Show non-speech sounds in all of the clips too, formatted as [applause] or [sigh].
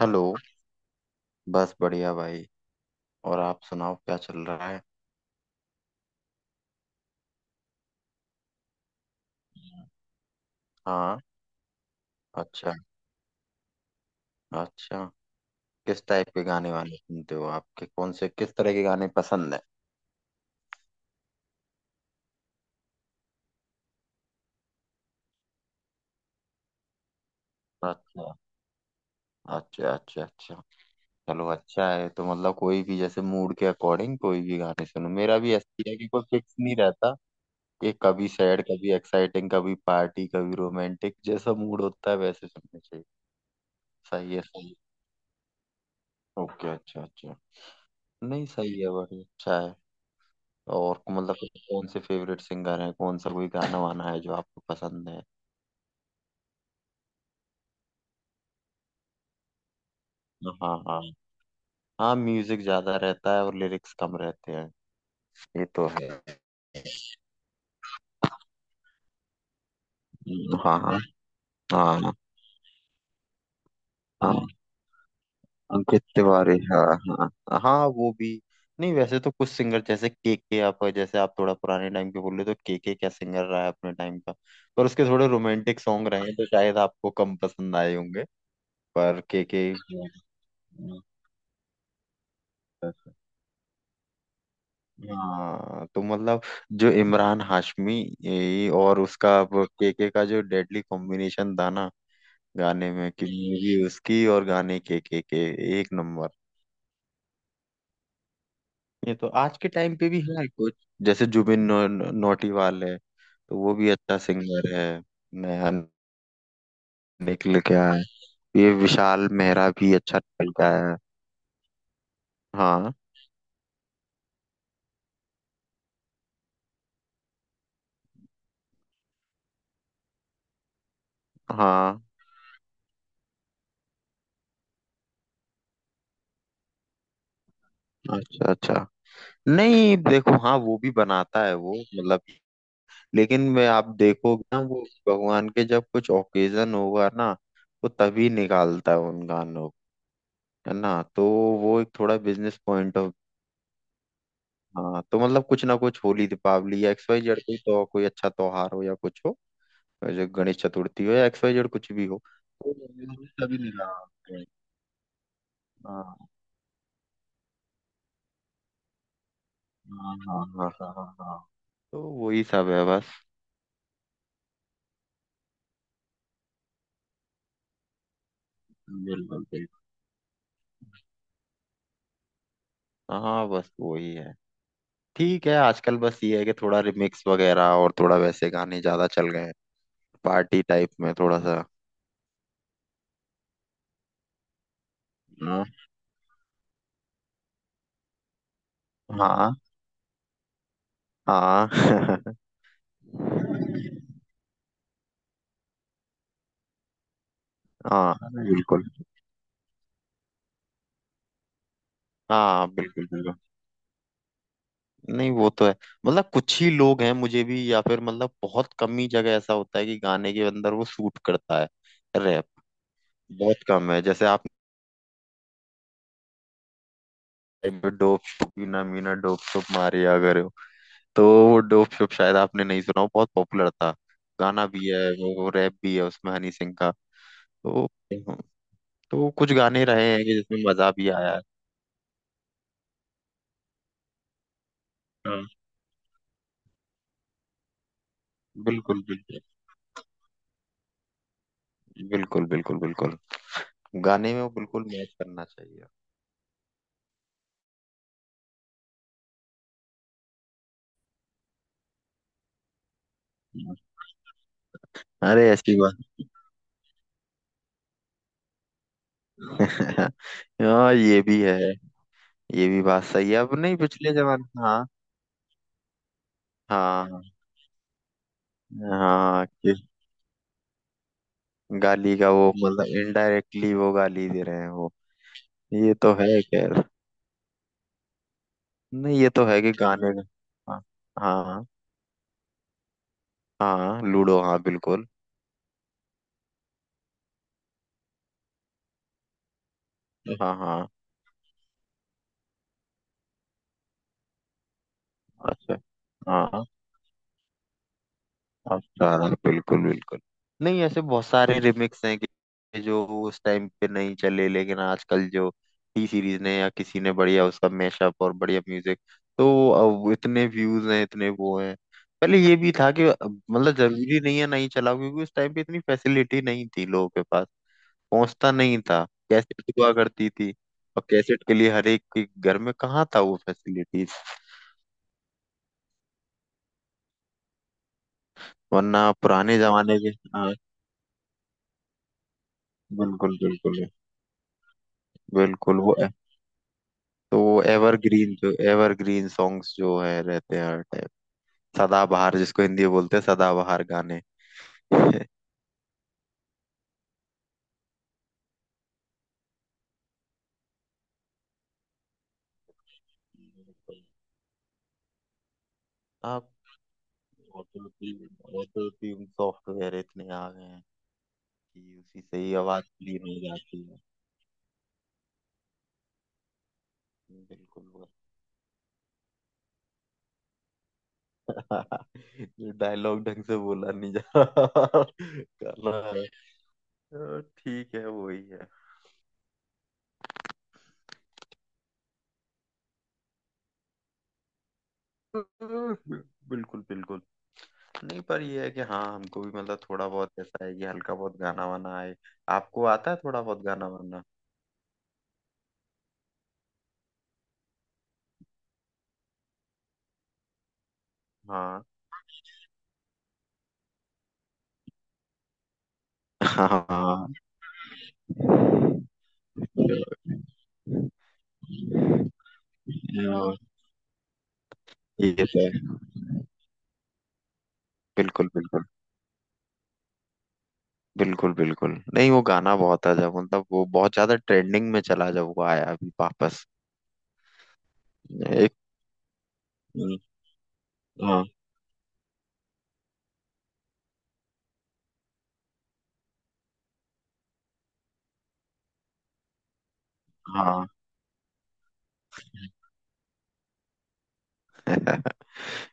Hello. बस बढ़िया भाई। और आप सुनाओ, क्या चल रहा है? हाँ। अच्छा। अच्छा। किस टाइप के गाने वाने सुनते हो, आपके कौन से किस तरह के गाने पसंद है? अच्छा अच्छा अच्छा। अच्छा, चलो अच्छा है। तो मतलब कोई भी, जैसे मूड के अकॉर्डिंग कोई भी गाने सुनो। मेरा भी ऐसा ही है कि कोई फिक्स नहीं रहता। कि कभी सैड, कभी एक्साइटिंग, कभी पार्टी, कभी रोमांटिक, जैसा मूड होता है वैसे सुनने चाहिए। सही है सही है। ओके अच्छा अच्छा। नहीं सही है, बढ़िया अच्छा है। और मतलब कि कौन से फेवरेट सिंगर हैं, कौन सा कोई गाना वाना है जो आपको पसंद है? हाँ हाँ। हाँ म्यूजिक ज्यादा रहता है और लिरिक्स कम रहते हैं। ये तो है। हाँ हाँ हाँ। हाँ अंकित तिवारी। हाँ हाँ हाँ, वो भी। नहीं वैसे तो कुछ सिंगर जैसे के, आप जैसे आप थोड़ा पुराने टाइम के बोल रहे हो, तो के क्या सिंगर रहा है अपने टाइम का। पर उसके थोड़े रोमांटिक सॉन्ग रहे हैं तो शायद आपको कम पसंद आए होंगे। पर के के। हाँ तो मतलब जो इमरान हाशमी, ये और उसका केके का जो डेडली कॉम्बिनेशन था ना, गाने में कि मूवी उसकी और गाने केके के, एक नंबर। ये तो आज के टाइम पे भी है कुछ। जैसे जुबिन नौ, नौ- नौटियाल है, तो वो भी अच्छा सिंगर है। नया निकल गया है। ये विशाल मेहरा भी अच्छा निकल गया है। हाँ हाँ। अच्छा अच्छा। नहीं देखो, हाँ वो भी बनाता है, वो मतलब, लेकिन मैं, आप देखोगे ना, वो भगवान के जब कुछ ओकेजन होगा ना, वो तभी निकालता है उन गानों को। है ना तो वो एक थोड़ा बिजनेस पॉइंट ऑफ। हाँ तो मतलब कुछ ना कुछ होली, दीपावली या एक्स वाई जेड, कोई तो कोई अच्छा त्योहार हो या कुछ हो। जो गणेश चतुर्थी हो या एक्स वाई जेड कुछ भी हो, तो उन्होंने तभी निकालते हैं। हाँ हाँ हाँ हाँ हाँ हाँ हाँ। हाँ। तो वही सब है बस। बिल्कुल बिल्कुल। हाँ बस वही है। ठीक है। आजकल बस ये है कि थोड़ा रिमिक्स वगैरह और थोड़ा वैसे गाने ज्यादा चल गए हैं, पार्टी टाइप में थोड़ा सा। हाँ। हाँ। हाँ [laughs] हाँ बिल्कुल। हाँ बिल्कुल बिल्कुल। नहीं वो तो है, मतलब कुछ ही लोग हैं, मुझे भी, या फिर मतलब बहुत कम ही जगह ऐसा होता है कि गाने के अंदर वो सूट करता है, रैप। बहुत कम है। जैसे आप, dope shop, Meena Meena dope shop Maria अगर हो, तो वो डोप शोप शायद आपने नहीं सुना हो, बहुत पॉपुलर था। गाना भी है, वो रैप भी है उसमें हनी सिंह का। तो तो कुछ गाने रहे हैं कि जिसमें मजा भी आया है। हाँ बिल्कुल बिल्कुल। बिल्कुल बिल्कुल बिल्कुल। गाने में वो बिल्कुल मैच करना चाहिए। अरे ऐसी बात। [laughs] हाँ ये भी है। ये भी बात सही है। अब नहीं, पिछले जमाने। हाँ। हाँ हाँ। कि गाली का वो मतलब इनडायरेक्टली वो गाली दे रहे हैं वो। ये तो है खैर। नहीं ये तो है कि गाने का। हाँ। हाँ। हाँ लूडो, हाँ बिल्कुल। हाँ हाँ। अच्छा। हाँ। अच्छा। बिल्कुल बिल्कुल। नहीं ऐसे बहुत सारे रिमिक्स हैं, कि जो उस टाइम पे नहीं चले लेकिन आजकल जो टी सीरीज ने या किसी ने बढ़िया उसका मैशअप और बढ़िया म्यूजिक, तो अब इतने व्यूज हैं, इतने वो हैं। पहले ये भी था कि अब मतलब जरूरी नहीं है, नहीं चलाओ, क्योंकि उस टाइम पे इतनी फैसिलिटी नहीं थी लोगों के पास। पहुंचता नहीं था। कैसेट हुआ करती थी, और कैसेट के लिए हर एक के घर में कहाँ था वो फैसिलिटीज। वरना पुराने जमाने के, हाँ बिल्कुल बिल्कुल। बिल्कुल वो। तो वो एवरग्रीन, जो एवरग्रीन सॉन्ग्स जो है, रहते हैं हर टाइम। सदाबहार, जिसको हिंदी में बोलते हैं, सदाबहार गाने। [laughs] आप, auto tune, auto tune software इतने आ गए हैं कि उसी से ही आवाज क्लीन हो जाती है। बिल्कुल। ये डायलॉग ढंग से बोला नहीं जा रहा, गाना है। ठीक है, वही है। अ, बिल्कुल बिल्कुल। नहीं पर ये है कि हाँ हमको भी, मतलब थोड़ा बहुत ऐसा है कि हल्का बहुत गाना वाना आए। आपको आता है थोड़ा बहुत गाना वाना? हाँ। हाँ। ये है। बिल्कुल बिल्कुल। बिल्कुल बिल्कुल। नहीं वो गाना बहुत है, जब मतलब वो बहुत ज्यादा ट्रेंडिंग में चला जब वो आया अभी वापस। एक। हाँ। हाँ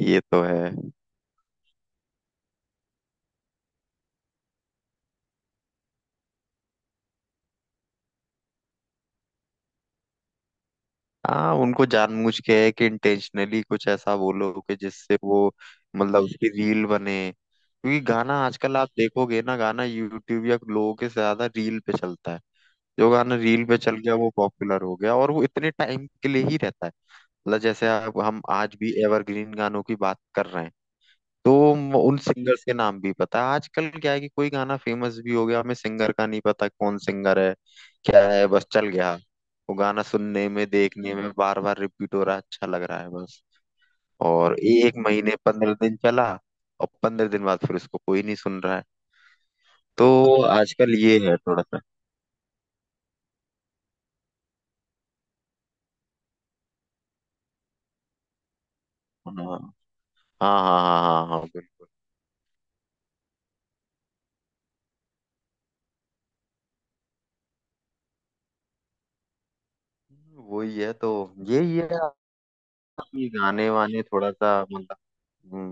ये तो है। हाँ उनको जानबूझ के है कि इंटेंशनली कुछ ऐसा बोलो कि जिससे वो, मतलब उसकी रील बने, क्योंकि गाना आजकल आप देखोगे ना, गाना यूट्यूब या लोगों के ज्यादा रील पे चलता है। जो गाना रील पे चल गया वो पॉपुलर हो गया, और वो इतने टाइम के लिए ही रहता है। मतलब जैसे आप, हम आज भी एवरग्रीन गानों की बात कर रहे हैं, तो उन सिंगर्स के नाम भी पता है। आजकल क्या है कि कोई गाना फेमस भी हो गया, हमें सिंगर का नहीं पता कौन सिंगर है। क्या है, बस चल गया, वो गाना सुनने में देखने में बार बार रिपीट हो रहा है, अच्छा लग रहा है बस। और एक महीने 15 दिन चला, और 15 दिन बाद फिर उसको कोई नहीं सुन रहा है। तो आजकल ये है थोड़ा सा। हाँ हाँ हाँ हाँ हाँ हाँ बिल्कुल। वही है तो। यही है कि गाने वाने थोड़ा सा मतलब,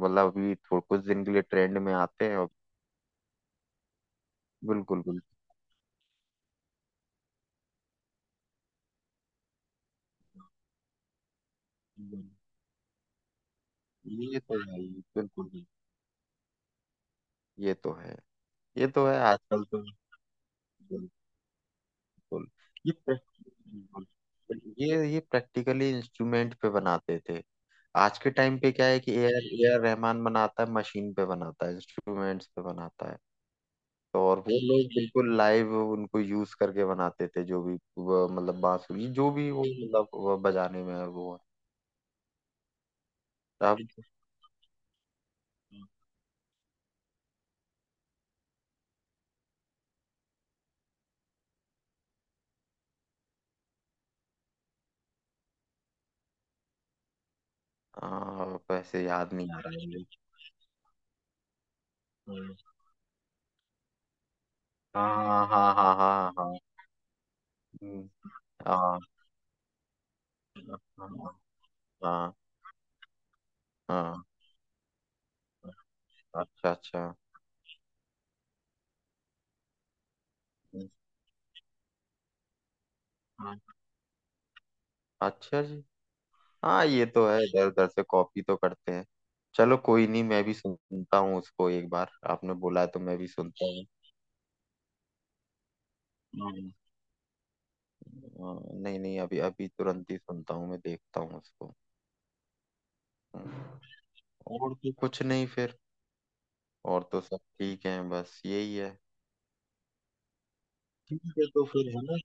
मतलब अभी थोड़ा कुछ दिन के लिए ट्रेंड में आते हैं और, बिल्कुल बिल्कुल। ये तो है, ये बिल्कुल भी। ये तो है, ये तो है आजकल तो। बिल्कुल। ये प्रैक्टिकल, ये प्रैक्टिकली इंस्ट्रूमेंट पे बनाते थे। आज के टाइम पे क्या है कि ए आर रहमान बनाता है, मशीन पे बनाता है, इंस्ट्रूमेंट्स पे बनाता है। तो, और वो लोग बिल्कुल लाइव उनको यूज करके बनाते थे, जो भी वो, मतलब बांसुरी, जो भी वो मतलब वो बजाने में है वो। अब। हाँ, वैसे याद नहीं आ रहा है मुझे। हाँ हाँ हाँ हाँ। हाँ। हम्म। हाँ। हाँ। हाँ। हाँ। अच्छा अच्छा। हाँ, अच्छा जी। हाँ, ये तो है, इधर उधर से कॉपी तो करते हैं। चलो कोई नहीं, मैं भी सुनता हूँ उसको एक बार, आपने बोला है तो मैं भी सुनता हूँ। हम्म। हाँ, नहीं नहीं, अभी अभी तुरंत ही सुनता हूँ मैं, देखता हूँ उसको। हम्म। और तो कुछ नहीं फिर, और तो सब ठीक है, बस यही है। ठीक है तो फिर है ना।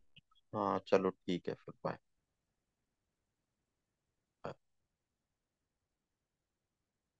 हाँ चलो ठीक है, फिर बाय।